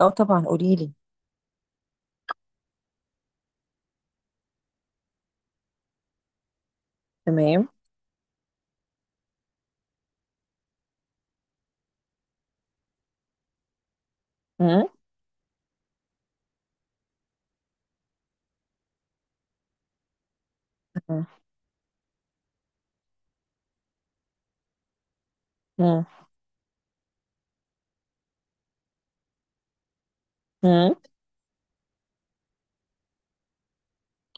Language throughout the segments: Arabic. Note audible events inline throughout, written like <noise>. اه طبعا، قولي لي. تمام. مم. مم. مم. مم.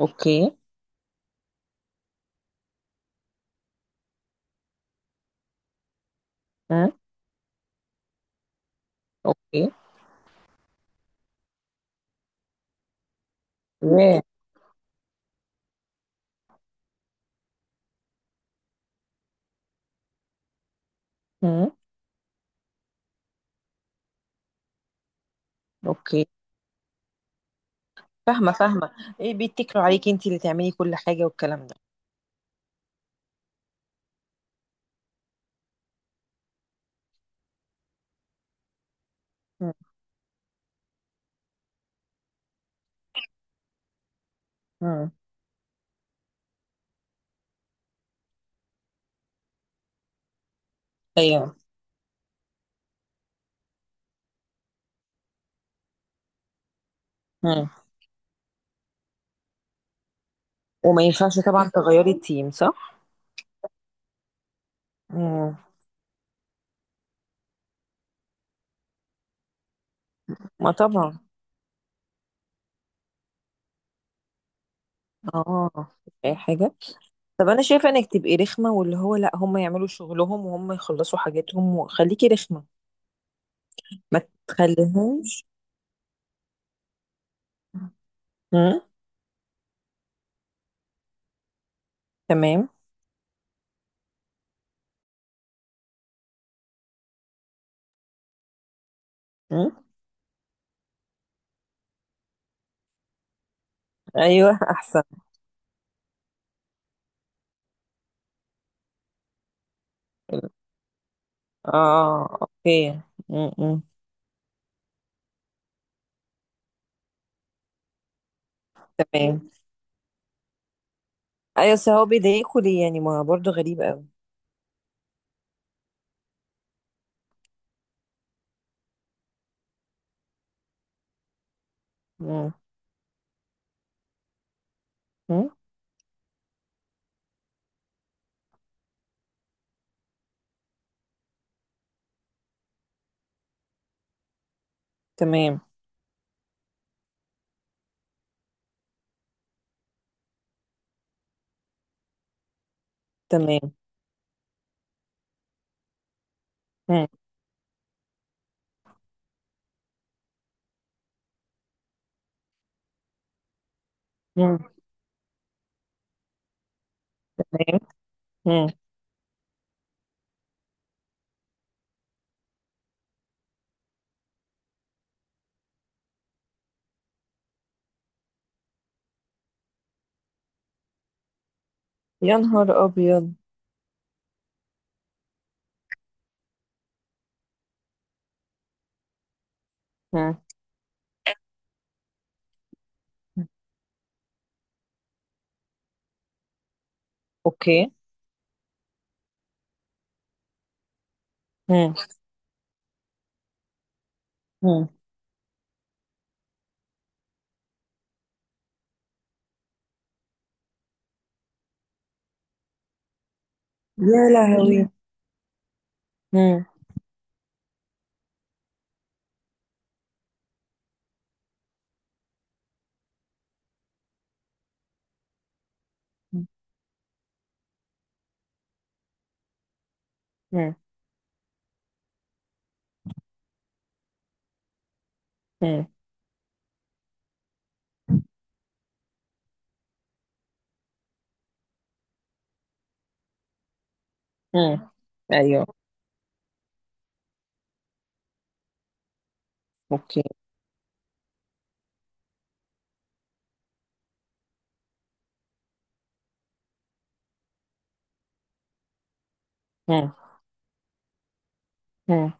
اوكي. مم. اوكي. ياه. مم. اوكي. فاهمه، فاهمه. ايه، بيتكلوا عليكي انت اللي تعملي كل حاجه والكلام ده؟ مم. مم. ايوه. مم. وما ينفعش طبعا تغيري التيم، صح؟ مم. ما طبعا. اه. اي حاجه. طب انا شايفه انك تبقي رخمه، واللي هو لا، هم يعملوا شغلهم وهم يخلصوا حاجاتهم، وخليكي رخمه. ما تخليهمش. مم. تمام. مم. ايوه، احسن. اه. اوكي. م-م. تمام. ايوه، بس هو بيضايقوا ليه يعني؟ ما هو برضه غريب قوي. م. م. تمام. تمام. م. م. تمام. م. يا نهار ابيض. م. اوكي. م. م. يا لهوي. م. م. م. م. ايوه. اوكي. م. م.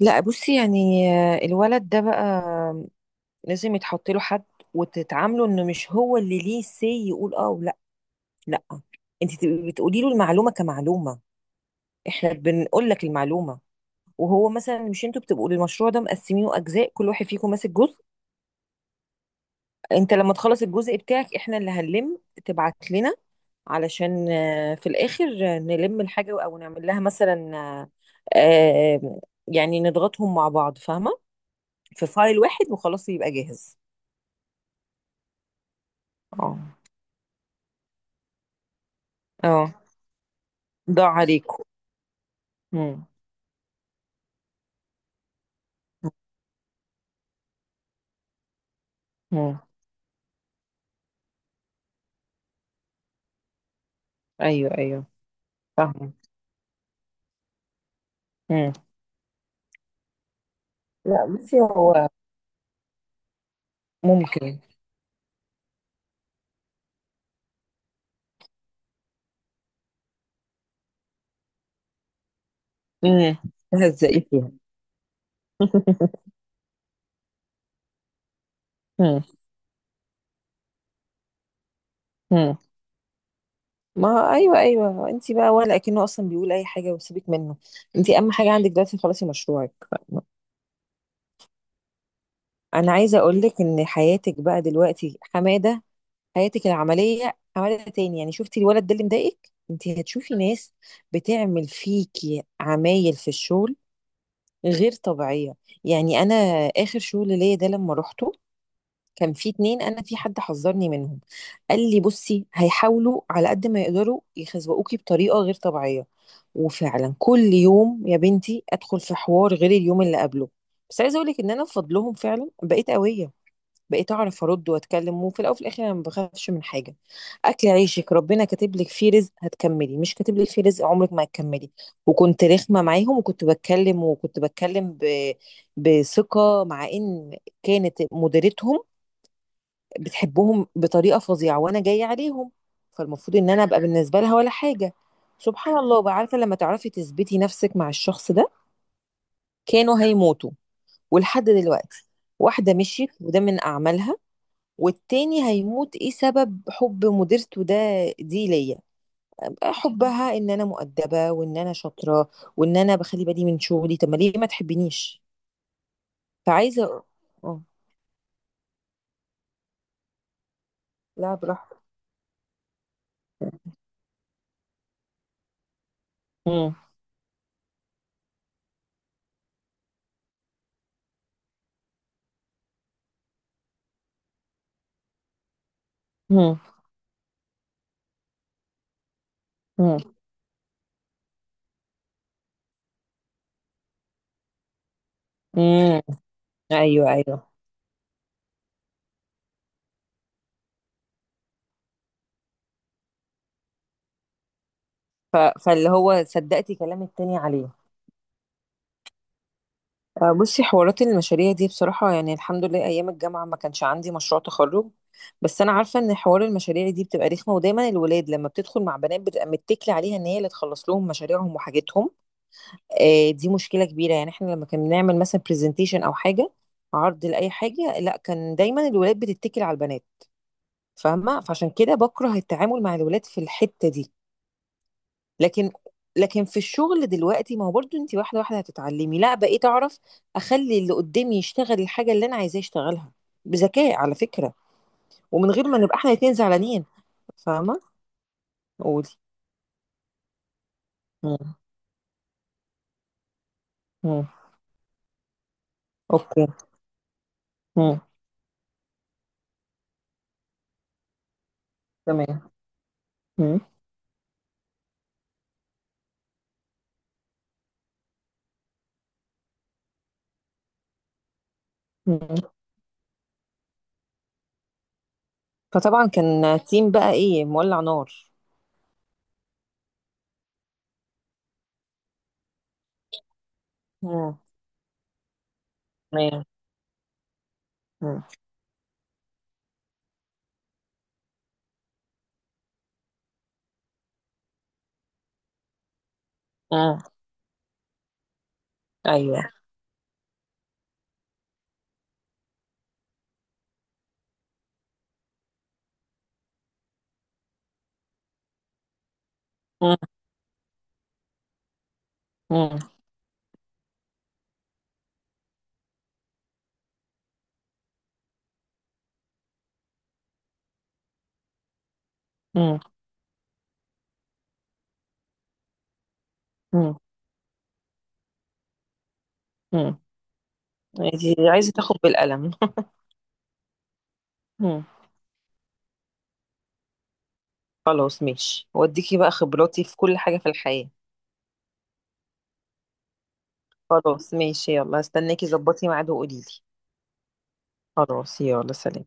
لا بصي يعني، الولد ده بقى لازم يتحط له حد، وتتعاملوا انه مش هو اللي ليه سي يقول اه ولا. لا، انت تبقي بتقولي له المعلومه كمعلومه، احنا بنقول لك المعلومه. وهو مثلا، مش انتوا بتبقوا المشروع ده مقسمينه اجزاء، كل واحد فيكم ماسك جزء؟ انت لما تخلص الجزء بتاعك، احنا اللي هنلم. تبعت لنا علشان في الاخر نلم الحاجه او نعمل لها مثلا، آه، يعني نضغطهم مع بعض، فاهمه. في فايل واحد وخلاص يبقى جاهز. اه. اه. ضاع عليكم. مم. مم. ايوه، ايوه. فاهمه. مم. لا، بصي هو. ممكن. امم. تهزقي فيها. <laughs> مم. مم. ما ايوه، ايوه، انت بقى ولا اكنه اصلا بيقول اي حاجه، وسيبك منه. انت اهم حاجه عندك دلوقتي خلاص مشروعك، فاهمة؟ انا عايزه اقول لك ان حياتك بقى دلوقتي حماده، حياتك العمليه حماده تاني يعني. شفتي الولد ده اللي مضايقك؟ انت هتشوفي ناس بتعمل فيكي عمايل في الشغل غير طبيعيه. يعني انا اخر شغل ليا ده لما روحته، كان في اتنين، انا في حد حذرني منهم. قال لي بصي هيحاولوا على قد ما يقدروا يخزوقوكي بطريقه غير طبيعيه. وفعلا كل يوم يا بنتي ادخل في حوار غير اليوم اللي قبله. بس عايزه اقول لك ان انا بفضلهم فعلا بقيت قويه، بقيت اعرف ارد واتكلم. وفي الاول وفي الاخر انا ما بخافش من حاجه. اكل عيشك، ربنا كاتب لك فيه رزق هتكملي، مش كاتب لك فيه رزق عمرك ما هتكملي. وكنت رخمه معاهم، وكنت بتكلم، وكنت بتكلم بثقه، مع ان كانت مديرتهم بتحبهم بطريقة فظيعة، وانا جاية عليهم. فالمفروض ان انا ابقى بالنسبة لها ولا حاجة. سبحان الله بقى، عارفة لما تعرفي تثبتي نفسك مع الشخص ده؟ كانوا هيموتوا. ولحد دلوقتي، واحدة مشيت وده من اعمالها، والتاني هيموت. ايه سبب حب مديرته ده؟ دي ليا، حبها ان انا مؤدبة، وان انا شاطرة، وان انا بخلي بالي من شغلي. طب ما ليه ما تحبنيش؟ فعايزة. اه. لا، براحتك. مم. مم. مم. مم. ايوه، ايوه. فاللي هو صدقتي كلام التاني عليه. بصي حوارات المشاريع دي بصراحة، يعني الحمد لله أيام الجامعة ما كانش عندي مشروع تخرج. بس أنا عارفة إن حوار المشاريع دي بتبقى رخمة، ودايما الولاد لما بتدخل مع بنات بتبقى متكلة عليها إن هي اللي تخلص لهم مشاريعهم وحاجتهم. دي مشكلة كبيرة، يعني إحنا لما كنا بنعمل مثلا برزنتيشن أو حاجة، عرض لأي حاجة، لا، كان دايما الولاد بتتكل على البنات. فاهمة، فعشان كده بكره التعامل مع الولاد في الحتة دي. لكن لكن في الشغل دلوقتي، ما هو برضو انت واحده واحده هتتعلمي. لا، بقيت اعرف اخلي اللي قدامي يشتغل الحاجه اللي انا عايزاه يشتغلها، بذكاء على فكره. ومن غير ما نبقى احنا الاتنين زعلانين. فاهمه. قولي. مم. مم. اوكي. مم. تمام. مم. مم. فطبعا كان تيم بقى ايه، مولع نار. مم. تمام. مم. مم. ايوه. مم. مم. مم. مم. مم. انت عايزه تاخد بالقلم. <laughs> خلاص ماشي، واديكي بقى خبراتي في كل حاجة في الحياة. خلاص ماشي، يلا، استناكي، ظبطي ميعاد وقوليلي. خلاص، يلا سلام.